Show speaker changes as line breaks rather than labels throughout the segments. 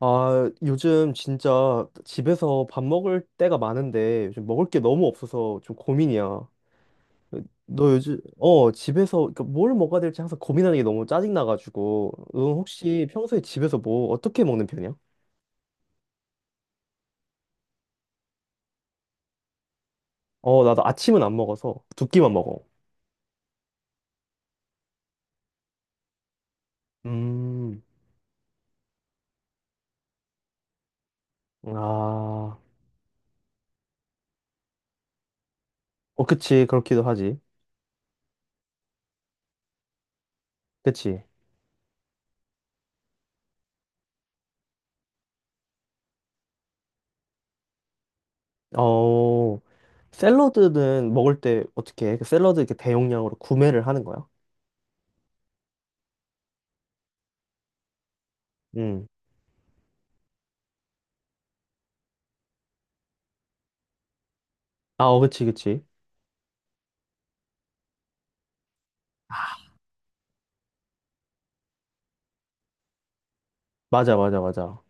아, 요즘 진짜 집에서 밥 먹을 때가 많은데 요즘 먹을 게 너무 없어서 좀 고민이야. 너 요즘 집에서 그러니까 뭘 먹어야 될지 항상 고민하는 게 너무 짜증 나가지고 넌 혹시 평소에 집에서 뭐 어떻게 먹는 편이야? 어, 나도 아침은 안 먹어서 두 끼만 먹어. 음, 아, 어 그치 그렇기도 하지. 그치. 어 샐러드는 먹을 때 어떻게 해? 그 샐러드 이렇게 대용량으로 구매를 하는 거야? 음. 아, 어, 그치, 그치. 맞아, 맞아, 맞아.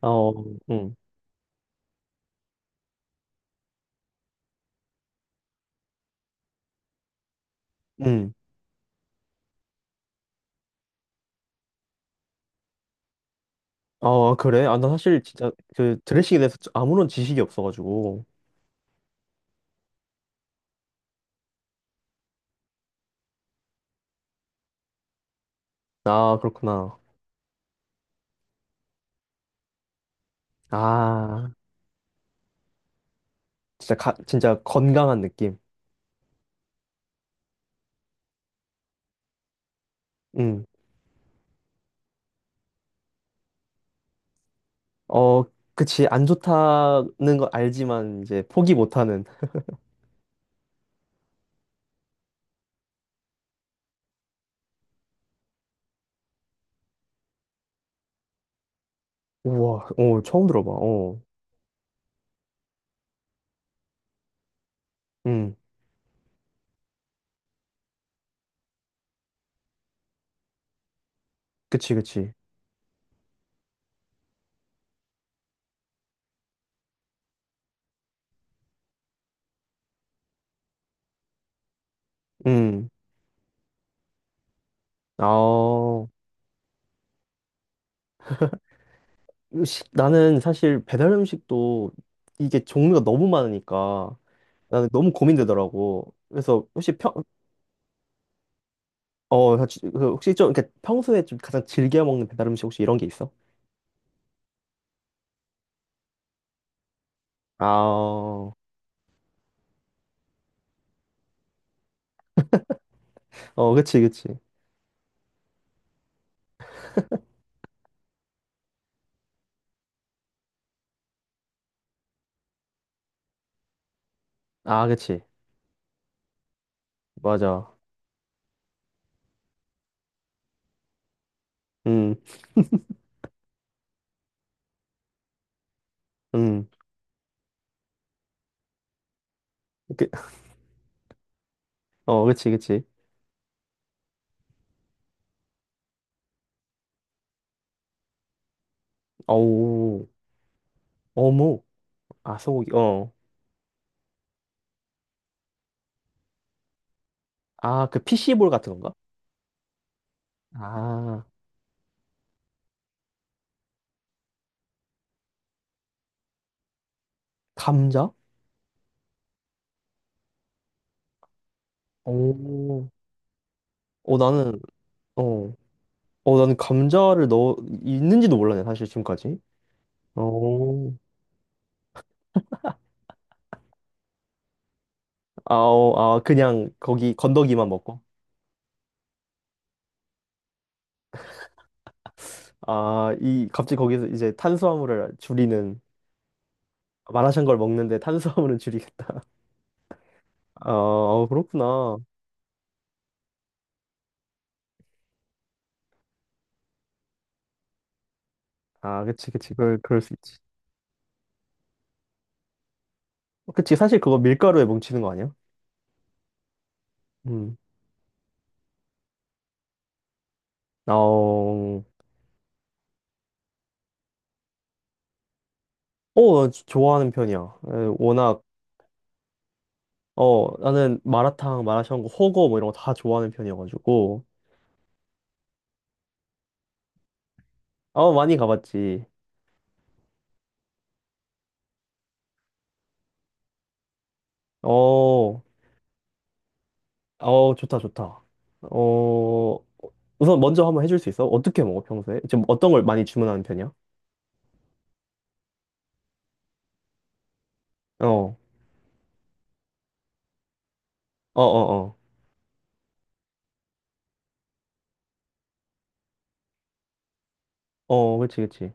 어, 응, 응. 아, 그래? 아, 나 사실 진짜 그 드레싱에 대해서 아무런 지식이 없어가지고. 아, 그렇구나. 아, 진짜 건강한 느낌. 응. 어, 그치. 안 좋다는 걸 알지만 이제 포기 못하는. 우와, 어, 처음 들어봐. 어, 응. 그치, 그치. 응. 아, 나는 사실 배달 음식도 이게 종류가 너무 많으니까 나는 너무 고민되더라고. 그래서 혹시 좀, 이렇게 평소에 좀 가장 즐겨 먹는 배달 음식 혹시 이런 게 있어? 아, 어, 어, 그치, 그치. 아, 그치. 맞아. 음, 음. 그, 어, 그치, 그치. 어우, 어묵. 아, 소고기. 어. 아, 그 피시볼 같은 건가? 아, 감자? 오. 어, 나는, 어. 어, 나는 감자를 넣어, 있는지도 몰랐네, 사실 지금까지. 어. 아, 어, 아, 그냥 거기 건더기만 먹고. 아, 이 갑자기 거기서 이제 탄수화물을 줄이는 마라샹 걸 먹는데 탄수화물은 줄이겠다. 아, 어, 그렇구나. 아, 그치, 그치. 그럴 수 있지. 어, 그치, 사실 그거 밀가루에 뭉치는 거 아니야? 음. 아, 어, 어, 좋아하는 편이야. 에, 워낙, 어, 나는 마라탕, 마라샹궈, 호거 뭐 이런 거 다 좋아하는 편이어가지고. 어, 많이 가봤지. 어, 어, 좋다, 좋다. 어, 우선 먼저 한번 해줄 수 있어? 어떻게 먹어, 평소에? 지금 어떤 걸 많이 주문하는 편이야? 어. 어어어. 어, 어. 어, 그치, 그치.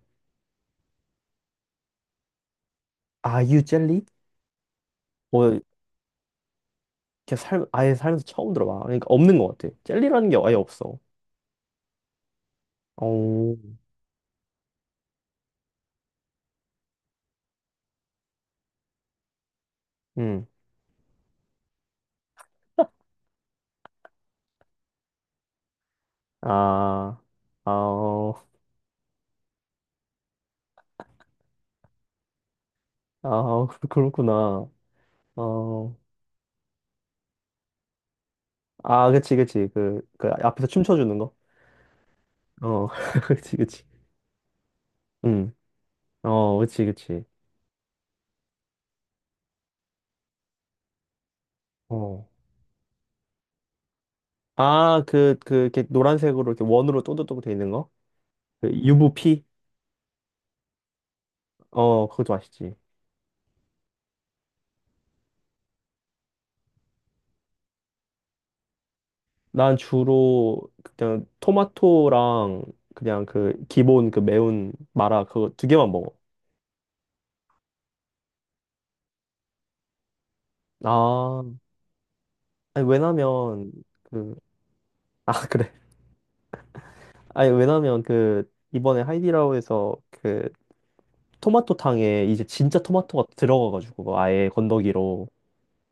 아유 젤리? 어, 아예 살면서 처음 들어봐. 그러니까 없는 것 같아. 젤리라는 게 아예 없어. 오. 응. 아, 아, 아, 그렇구나. 어, 아, 그치, 그치. 그 앞에서 춤춰주는 거? 어, 그치, 그치. 응. 어, 그치, 그치. 어. 아, 이렇게 노란색으로 이렇게 원으로 또또또 돼 있는 거? 그부피 어, 그것도 맛있지. 난 주로 그냥 토마토랑 그냥 그 기본 그 매운 마라 그거 두 개만 먹어. 아, 아니 왜냐면 그, 아, 그래. 아니 왜냐면 그 이번에 하이디라오에서 그 토마토탕에 이제 진짜 토마토가 들어가가지고 아예 건더기로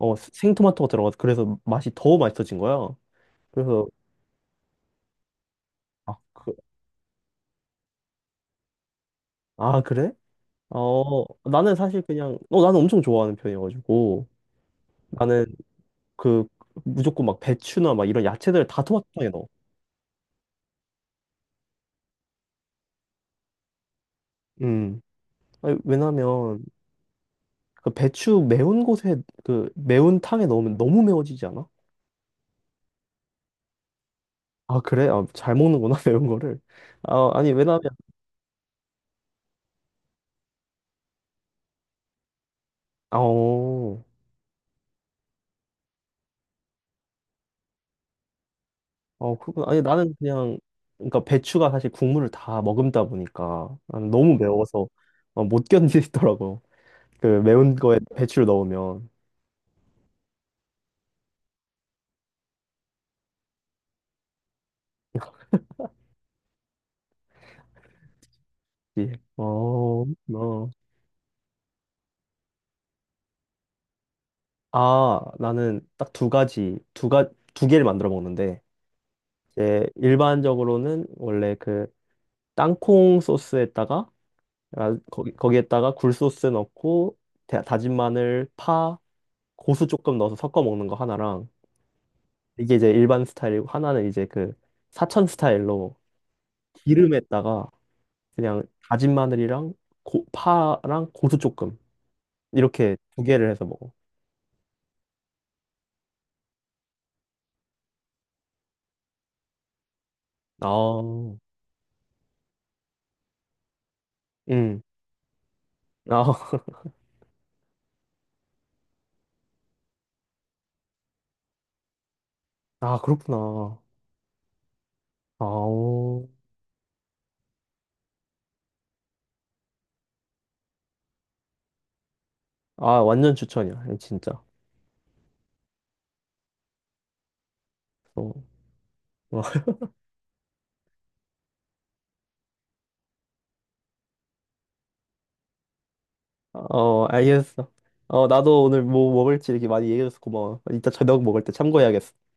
생토마토가 들어가서 그래서 맛이 더 맛있어진 거야. 그래서 아, 아 그래? 어 나는 사실 그냥 나는 엄청 좋아하는 편이어가지고. 나는 그 무조건 막 배추나 막 이런 야채들 다 토마토탕에 넣어. 음. 아니, 왜냐면 그 배추 매운 곳에 그 매운 탕에 넣으면 너무 매워지지 않아? 아 그래? 아, 잘 먹는구나 매운 거를. 아 아니 왜냐면 아어 어 어, 그렇구나. 아니 나는 그냥 그러니까 배추가 사실 국물을 다 머금다 보니까 나는 너무 매워서 어, 못 견디더라고. 그 매운 거에 배추를 넣으면. 예. 어, 어. 아, 나는 딱 두 가지, 두 가, 두 개를 만들어 먹는데, 이제 일반적으로는 원래 그 땅콩 소스에다가 아, 거기에다가 굴 소스 넣고 다진 마늘, 파, 고수 조금 넣어서 섞어 먹는 거 하나랑 이게 이제 일반 스타일이고 하나는 이제 그 사천 스타일로 기름에다가 그냥 다진 마늘이랑 파랑 고수 조금 이렇게 두 개를 해서 먹어. 아, 음, 아, 아 그렇구나. 아, 아 완전 추천이야, 진짜. 어. 어, 알겠어. 어, 나도 오늘 뭐 먹을지 이렇게 많이 얘기해줘서 고마워. 이따 저녁 먹을 때 참고해야겠어.